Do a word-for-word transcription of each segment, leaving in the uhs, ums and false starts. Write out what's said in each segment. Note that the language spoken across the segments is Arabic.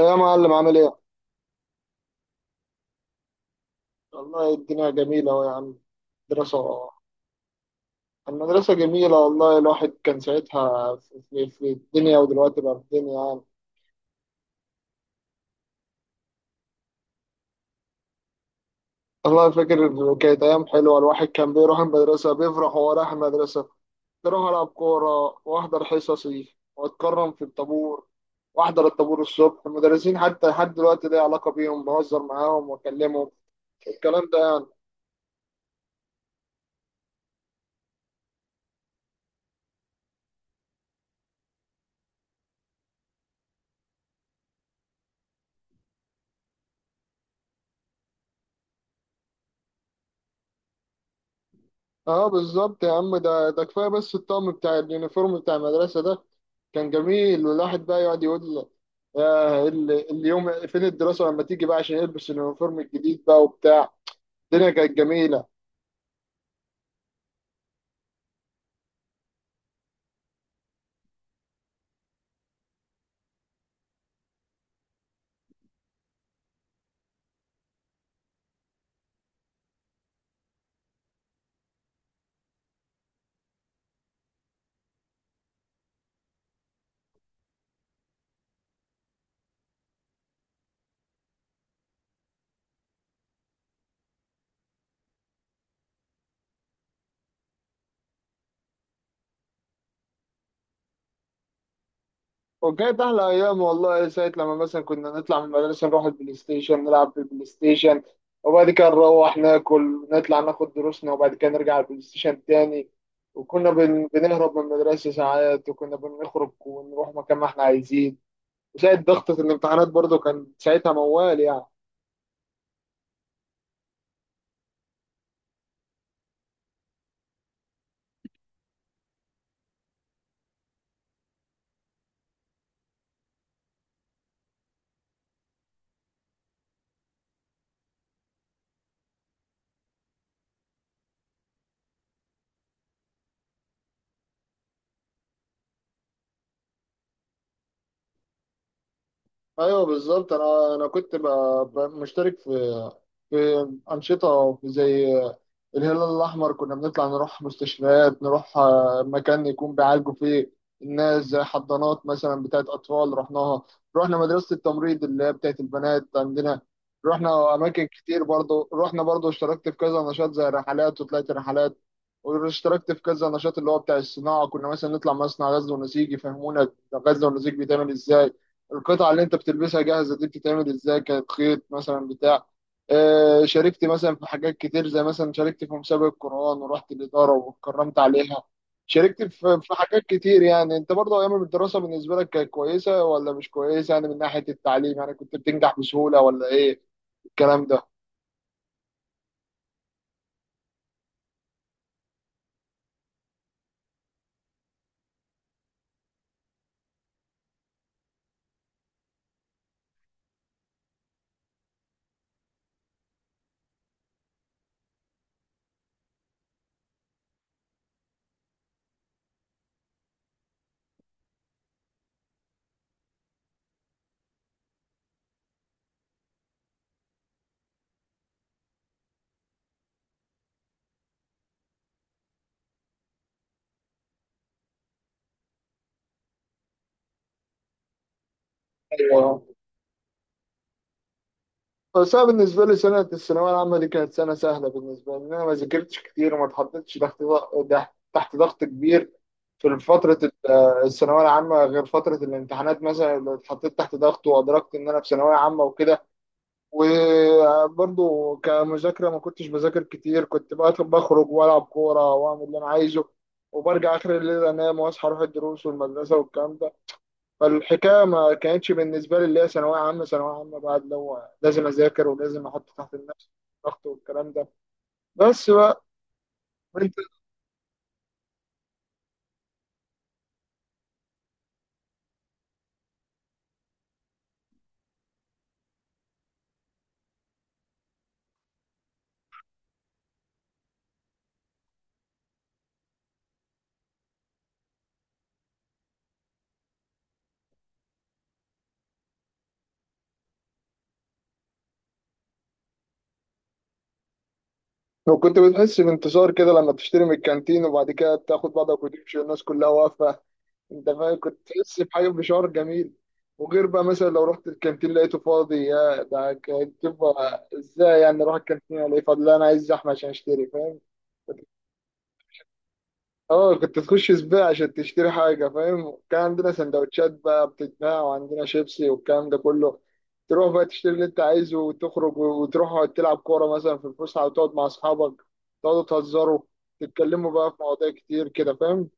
يا معلم عامل ايه؟ والله الدنيا جميلة أهو يا عم. دراسة. المدرسة جميلة والله الواحد كان ساعتها في, في, في الدنيا ودلوقتي بقى في الدنيا يعني. والله فاكر كانت أيام حلوة، الواحد كان بيروح المدرسة بيفرح وهو رايح المدرسة، بيروح ألعب كورة وأحضر حصصي وأتكرم في الطابور وأحضر الطابور الصبح. المدرسين حتى لحد دلوقتي ليا علاقة بيهم، بهزر معاهم وأكلمهم الكلام ده. اه بالظبط يا عم، ده ده كفايه بس الطقم بتاع اليونيفورم بتاع المدرسه ده كان جميل، والواحد بقى يقعد يقول يا ال- اليوم فين الدراسه لما تيجي بقى عشان يلبس اليونيفورم الجديد بقى وبتاع. الدنيا كانت جميله وكانت احلى ايام والله. ساعه لما مثلا كنا نطلع من المدرسه نروح البلاي ستيشن، نلعب في البلاي ستيشن وبعد كده نروح ناكل، نطلع ناخد دروسنا وبعد كده نرجع البلاي ستيشن تاني. وكنا بن- بنهرب من المدرسه ساعات، وكنا بنخرج ونروح مكان ما احنا عايزين. زائد ضغطة الامتحانات برضو كان ساعتها موال يعني. ايوه بالظبط، انا انا كنت ب- ب- مشترك في في انشطه زي الهلال الأحمر، كنا بنطلع نروح مستشفيات، نروح آه، مكان يكون بيعالجوا فيه الناس، زي حضانات مثلا بتاعت أطفال رحناها، رحنا مدرسة التمريض اللي هي بتاعت البنات عندنا، رحنا أماكن كتير برضو. رحنا برضو، اشتركت في كذا نشاط زي رحلات وطلعت رحلات، واشتركت في كذا نشاط اللي هو بتاع الصناعة، كنا مثلا نطلع مصنع غزل ونسيج يفهمونا غزل ونسيج بيتعمل ازاي، القطعة اللي انت بتلبسها جاهزة دي بتتعمل ازاي، كانت خيط مثلا بتاع. آه، شاركت مثلا في حاجات كتير، زي مثلا شاركت في مسابقة قرآن ورحت الإدارة واتكرمت عليها. شاركت في في حاجات كتير. يعني انت برضه ايام الدراسة بالنسبة لك كانت كويسة ولا مش كويسة؟ يعني من ناحية التعليم، يعني كنت بتنجح بسهولة ولا ايه الكلام ده؟ ايوه. بس انا بالنسبة لي سنة الثانوية العامة دي كانت سنة سهلة بالنسبة لي، لأن انا ما ذاكرتش كتير وما اتحطيتش تحت ضغط، تحت ضغط كبير في فترة الثانوية العامة، غير فترة الامتحانات مثلا اللي اتحطيت تحت ضغط وأدركت إن أنا في ثانوية عامة وكده. وبرضه كمذاكرة ما كنتش بذاكر كتير، كنت بقى بخرج وألعب كورة وأعمل اللي أنا عايزه وبرجع آخر الليل أنام، وأصحى أروح الدروس والمدرسة والكلام ده. فالحكاية ما كانتش بالنسبة لي اللي هي ثانوية عامة ثانوية عامة بقى اللي هو لازم أذاكر ولازم أحط تحت النفس ضغط والكلام ده. بس بقى انت لو كنت بتحس بانتصار كده لما تشتري من الكانتين وبعد كده تاخد بعضك وتمشي والناس كلها واقفة، انت فاهم؟ كنت تحس بحاجه، بشعور جميل. وغير بقى مثلا لو رحت الكانتين لقيته فاضي، يا ده كانت تبقى ازاي؟ يعني اروح الكانتين الاقيه فاضي؟ لا انا عايز زحمه عشان اشتري، فاهم؟ اه كنت تخش سباق عشان تشتري حاجة، فاهم؟ كان عندنا سندوتشات بقى بتتباع، وعندنا شيبسي والكلام ده كله. تروح بقى تشتري اللي انت عايزه وتخرج وتروح تلعب كورة مثلا في الفسحة وتقعد مع أصحابك، تقعدوا تهزروا تتكلموا بقى في مواضيع كتير كده، فاهم؟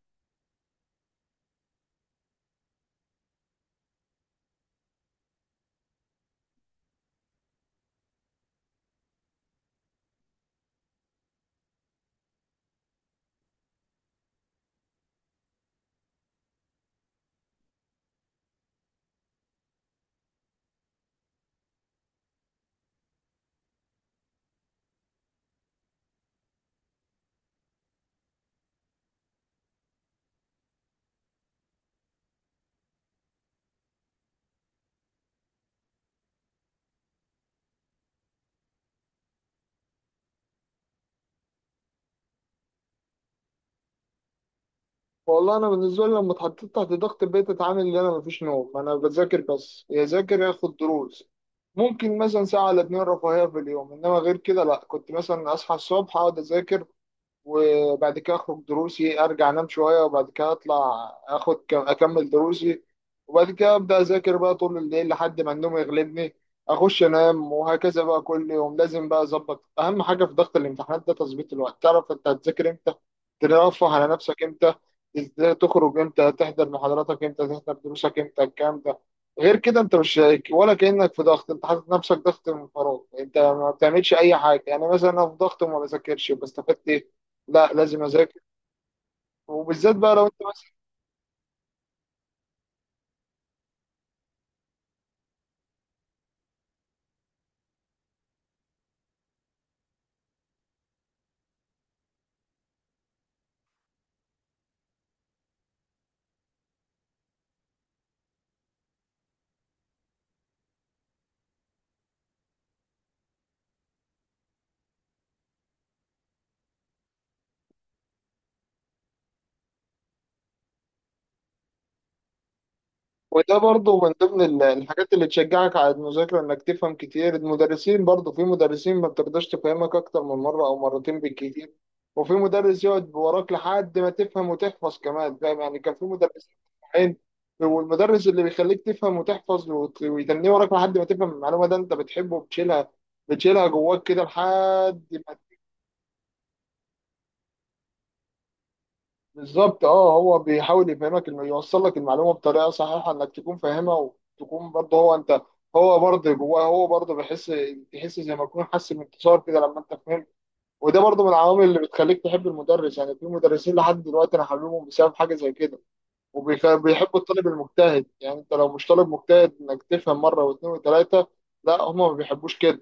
والله انا بالنسبه لي لما اتحطيت تحت ضغط البيت، اتعامل ان انا مفيش نوم، انا بذاكر بس، يا ذاكر يا اخد دروس. ممكن مثلا ساعه ولا اتنين رفاهيه في اليوم، انما غير كده لا. كنت مثلا اصحى الصبح اقعد اذاكر وبعد كده اخرج دروسي، ارجع انام شويه وبعد كده اطلع اخد كم اكمل دروسي، وبعد كده ابدا اذاكر بقى طول الليل لحد ما النوم يغلبني، اخش انام، وهكذا بقى كل يوم. لازم بقى اظبط، اهم حاجه في ضغط الامتحانات ده تظبيط الوقت، تعرف انت هتذاكر امتى، ترفه على نفسك امتى، ازاي تخرج امتى، تحضر محاضراتك امتى، تحضر دروسك امتى، الكلام ده. غير كده انت مش شايك ولا كانك في ضغط، انت حاطط نفسك ضغط من فراغ، انت ما بتعملش اي حاجه. يعني مثلا انا في ضغط وما بذاكرش، بستفدت؟ لا لازم اذاكر. وبالذات بقى لو انت مثلا، وده برضه من ضمن ال- الحاجات اللي تشجعك على المذاكره انك تفهم كتير. المدرسين برضه، في مدرسين ما بتقدرش تفهمك اكتر من مره او مرتين بالكتير، وفي مدرس يقعد وراك لحد ما تفهم وتحفظ كمان، فاهم؟ يعني كان في مدرسين عين، والمدرس اللي بيخليك تفهم وتحفظ وت- ويتنيه وراك لحد ما تفهم المعلومه ده انت بتحبه، بتشيلها، بتشيلها جواك كده لحد. بالظبط. اه هو بيحاول يفهمك، انه يوصل لك المعلومه بطريقه صحيحه انك تكون فاهمها، وتكون برضه هو انت، هو برضه جواه هو برضه بيحس، تحس زي ما يكون حس بانتصار كده لما انت فهمت. وده برضه من العوامل اللي بتخليك تحب المدرس. يعني في مدرسين لحد دلوقتي انا حاببهم بسبب حاجه زي كده. وبيحبوا الطالب المجتهد، يعني انت لو مش طالب مجتهد انك تفهم مره واثنين وثلاثه لا، هم ما بيحبوش كده.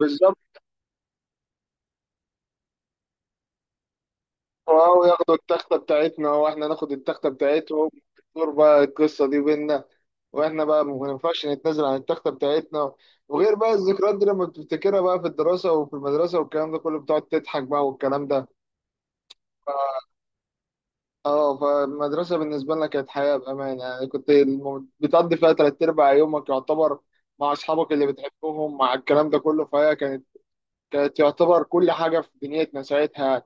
بالظبط. واو، ياخدوا التختة بتاعتنا واحنا ناخد التختة بتاعتهم، دور بقى القصة دي بينا، واحنا بقى ما ينفعش نتنازل عن التختة بتاعتنا. وغير بقى الذكريات دي لما بتفتكرها بقى في الدراسة وفي المدرسة والكلام ده كله، بتقعد تضحك بقى والكلام ده. اه، فالمدرسة بالنسبة لنا كانت حياة بأمانة، يعني كنت الم- بتقضي فيها تلات أرباع يومك يعتبر مع أصحابك اللي بتحبهم مع الكلام ده كله. فهي كانت، كانت يعتبر كل حاجة في دنيتنا ساعتها يعني.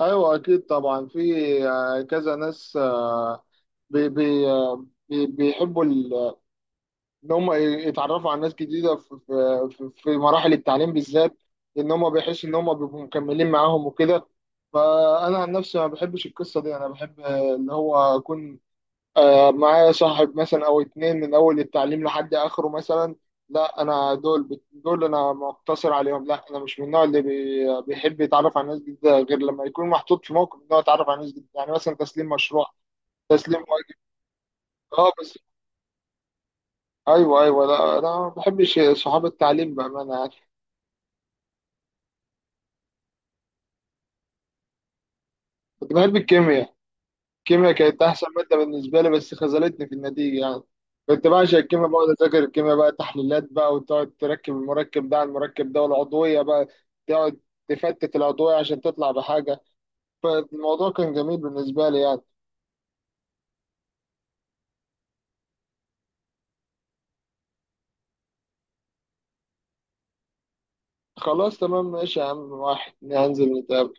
أيوة أكيد طبعا. في آه، كذا ناس بي بي بي بيحبوا ال- ان هم يتعرفوا على ناس جديده في في في مراحل التعليم بالذات، ان هم بيحسوا ان هم بيبقوا مكملين معاهم وكده. فانا عن نفسي ما بحبش القصه دي، انا بحب آه، ان هو اكون آه، معايا صاحب مثلا او اتنين من اول التعليم لحد اخره مثلا. لا انا دول بت- دول انا مقتصر عليهم، لا انا مش من النوع اللي بي- بيحب يتعرف على ناس جديده، غير لما يكون محطوط في موقف ان هو يتعرف على ناس جديده. يعني مثلا تسليم مشروع، تسليم واجب. اه بس، ايوه ايوه لا انا ما بحبش صحاب التعليم بامانه يعني. كنت بحب الكيمياء، الكيمياء كانت احسن ماده بالنسبه لي، بس خذلتني في النتيجه يعني. كنت بعشق الكيمياء، بقعد اذاكر الكيمياء بقى تحليلات بقى، وتقعد تركب المركب ده على المركب ده، والعضويه بقى تقعد تفتت العضويه عشان تطلع بحاجه. فالموضوع كان جميل بالنسبه لي يعني. خلاص تمام ماشي يا عم، واحد هنزل نتقابل.